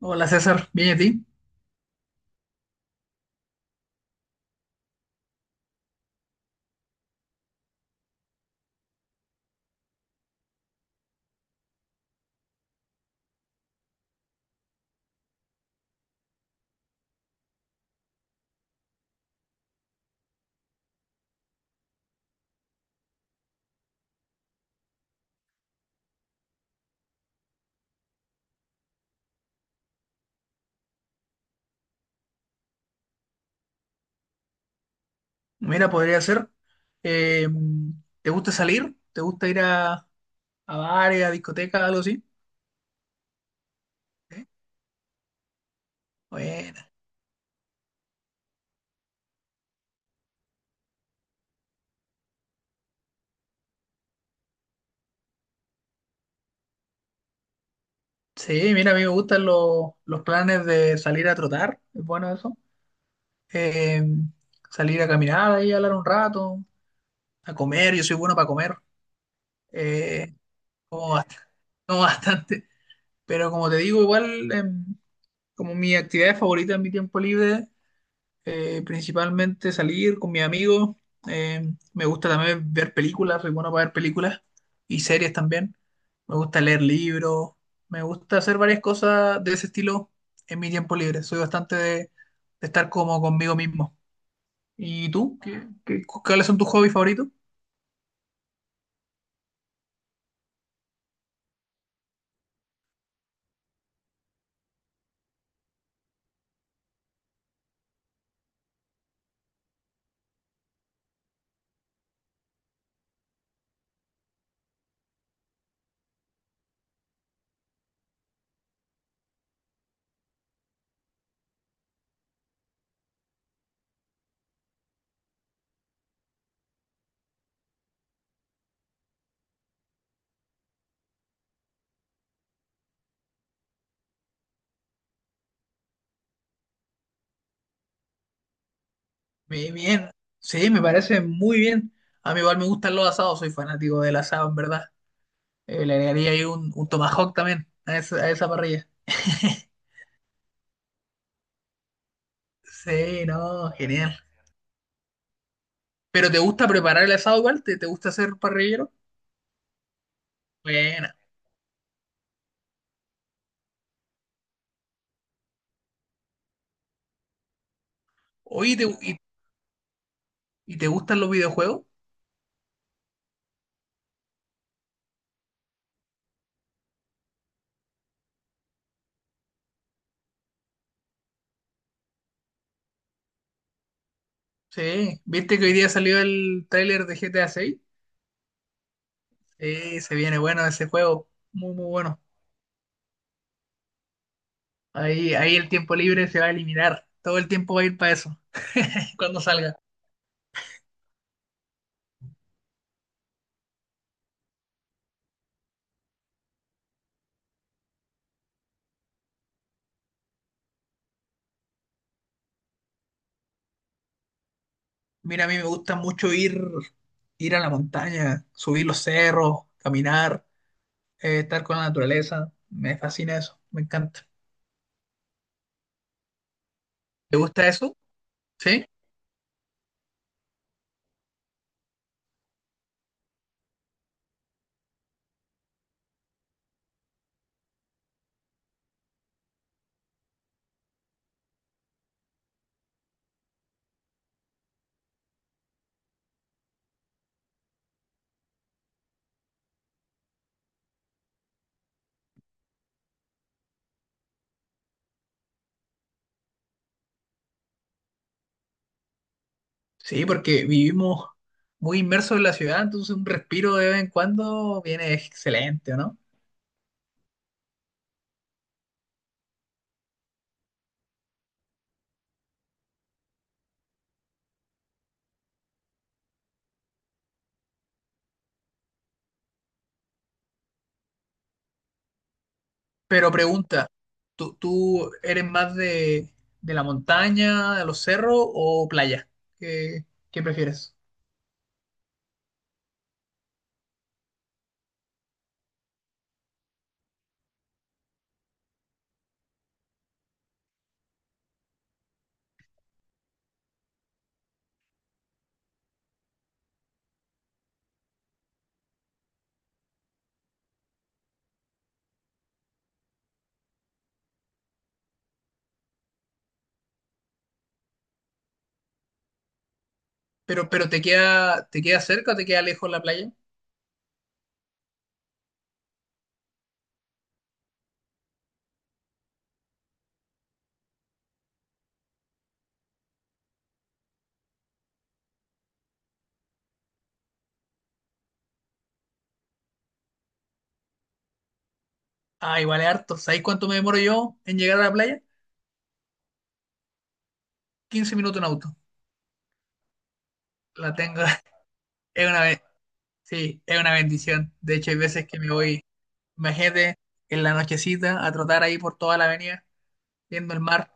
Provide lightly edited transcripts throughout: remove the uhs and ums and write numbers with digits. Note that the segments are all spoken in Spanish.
Hola César, bien y a ti. Mira, podría ser. eh, ¿Te gusta salir? ¿Te gusta ir a bares, a discotecas, algo así? ¿Eh? Bueno. Sí, mira, a mí me gustan los planes de salir a trotar, es bueno eso. Eh, Salir a caminar ahí, hablar un rato, a comer, yo soy bueno para comer. Eh, como, bast- Como bastante. Pero como te digo, igual, como mi actividad favorita en mi tiempo libre. Principalmente salir con mis amigos. eh, Me gusta también ver películas, soy bueno para ver películas y series también. Me gusta leer libros, me gusta hacer varias cosas de ese estilo en mi tiempo libre. Soy bastante de estar como conmigo mismo. ¿Y tú? ¿Cuáles son tus hobbies favoritos? Bien, bien. Sí, me parece muy bien. A mí igual me gustan los asados, soy fanático del asado, en verdad. Le agregaría ahí un tomahawk también a esa parrilla. Sí, no, genial. ¿Pero te gusta preparar el asado igual? ¿Te gusta hacer parrillero? Buena. Oye, ¿y te gustan los videojuegos? Sí. ¿Viste que hoy día salió el tráiler de GTA 6? Sí, se viene bueno ese juego. Muy, muy bueno. Ahí, ahí el tiempo libre se va a eliminar. Todo el tiempo va a ir para eso. Cuando salga. Mira, a mí me gusta mucho ir, ir a la montaña, subir los cerros, caminar, estar con la naturaleza. Me fascina eso. Me encanta. ¿Te gusta eso? ¿Sí? Sí, porque vivimos muy inmersos en la ciudad, entonces un respiro de vez en cuando viene excelente, ¿o ¿no? Pero pregunta, ¿tú, tú eres más de la montaña, de los cerros o playa? ¿Qué, qué prefieres? Pero te queda cerca o te queda lejos la playa? Ah, igual es harto. ¿Sabes cuánto me demoro yo en llegar a la playa? 15 minutos en auto. La tengo. Es una, be- sí, es una bendición. De hecho, hay veces que me voy, imagínate, en la nochecita a trotar ahí por toda la avenida, viendo el mar.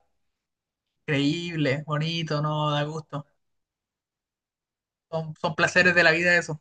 Increíble, bonito, no, da gusto. Son, son placeres de la vida eso.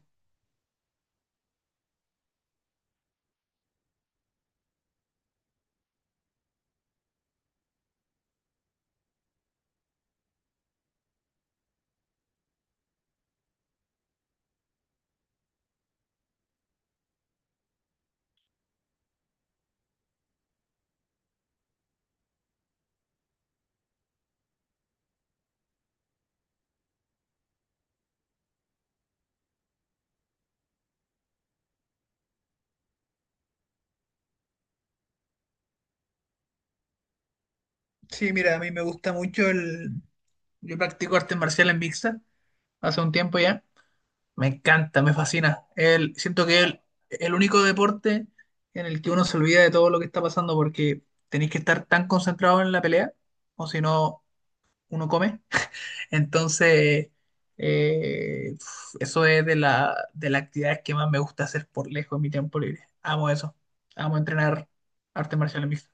Sí, mira, a mí me gusta mucho el... Yo practico artes marciales mixtas hace un tiempo ya. Me encanta, me fascina. Siento que es el único deporte en el que uno se olvida de todo lo que está pasando porque tenéis que estar tan concentrado en la pelea o si no, uno come. Entonces, uf, eso es de de las actividades que más me gusta hacer por lejos en mi tiempo libre. Amo eso. Amo entrenar arte marcial mixta.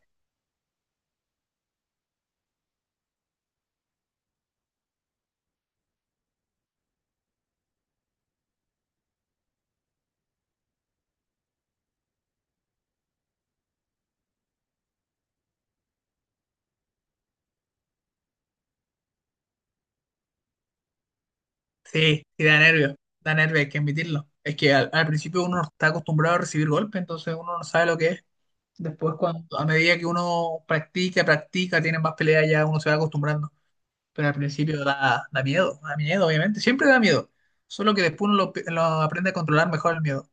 Sí, y da nervio. Da nervio, hay que admitirlo. Es que al, al principio uno no está acostumbrado a recibir golpes, entonces uno no sabe lo que es. Después, cuando, a medida que uno practica, practica, tiene más peleas, ya uno se va acostumbrando. Pero al principio da, da miedo, obviamente. Siempre da miedo. Solo que después uno lo aprende a controlar mejor el miedo.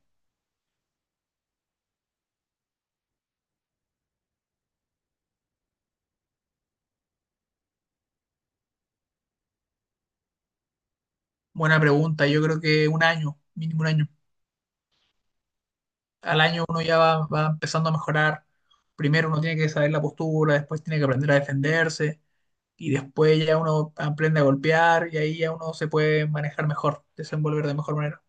Buena pregunta, yo creo que 1 año, mínimo 1 año. Al 1 año uno ya va, va empezando a mejorar. Primero uno tiene que saber la postura, después tiene que aprender a defenderse y después ya uno aprende a golpear y ahí ya uno se puede manejar mejor, desenvolver de mejor manera.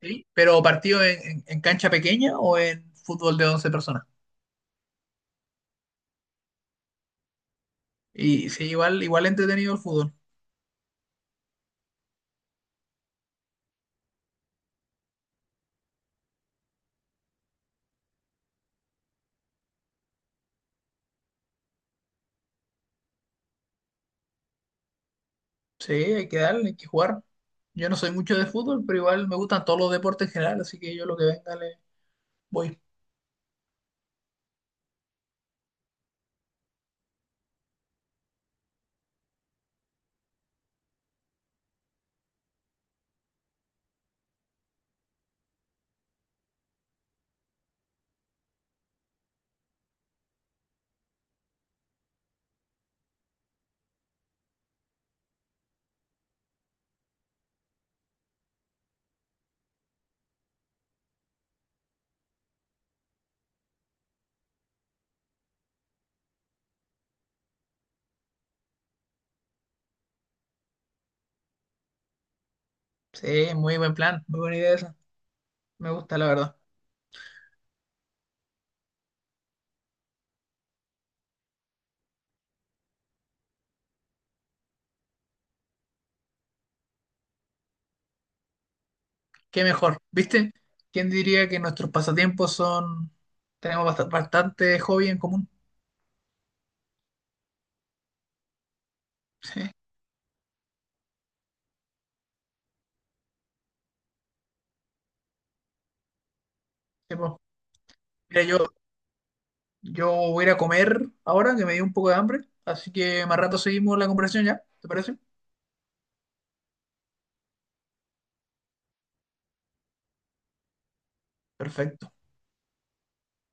¿Sí? Pero partido en, en cancha pequeña o en fútbol de 11 personas. Y sí, igual, igual entretenido el fútbol. Sí, hay que darle, hay que jugar. Yo no soy mucho de fútbol, pero igual me gustan todos los deportes en general, así que yo lo que venga le voy. Sí, muy buen plan, muy buena idea esa. Me gusta, la verdad. Qué mejor, ¿viste? ¿Quién diría que nuestros pasatiempos son... Tenemos bastante hobby en común. Sí, sí, po. Mira, yo voy a ir a comer ahora, que me dio un poco de hambre. Así que más rato seguimos la conversación ya, ¿te parece? Perfecto.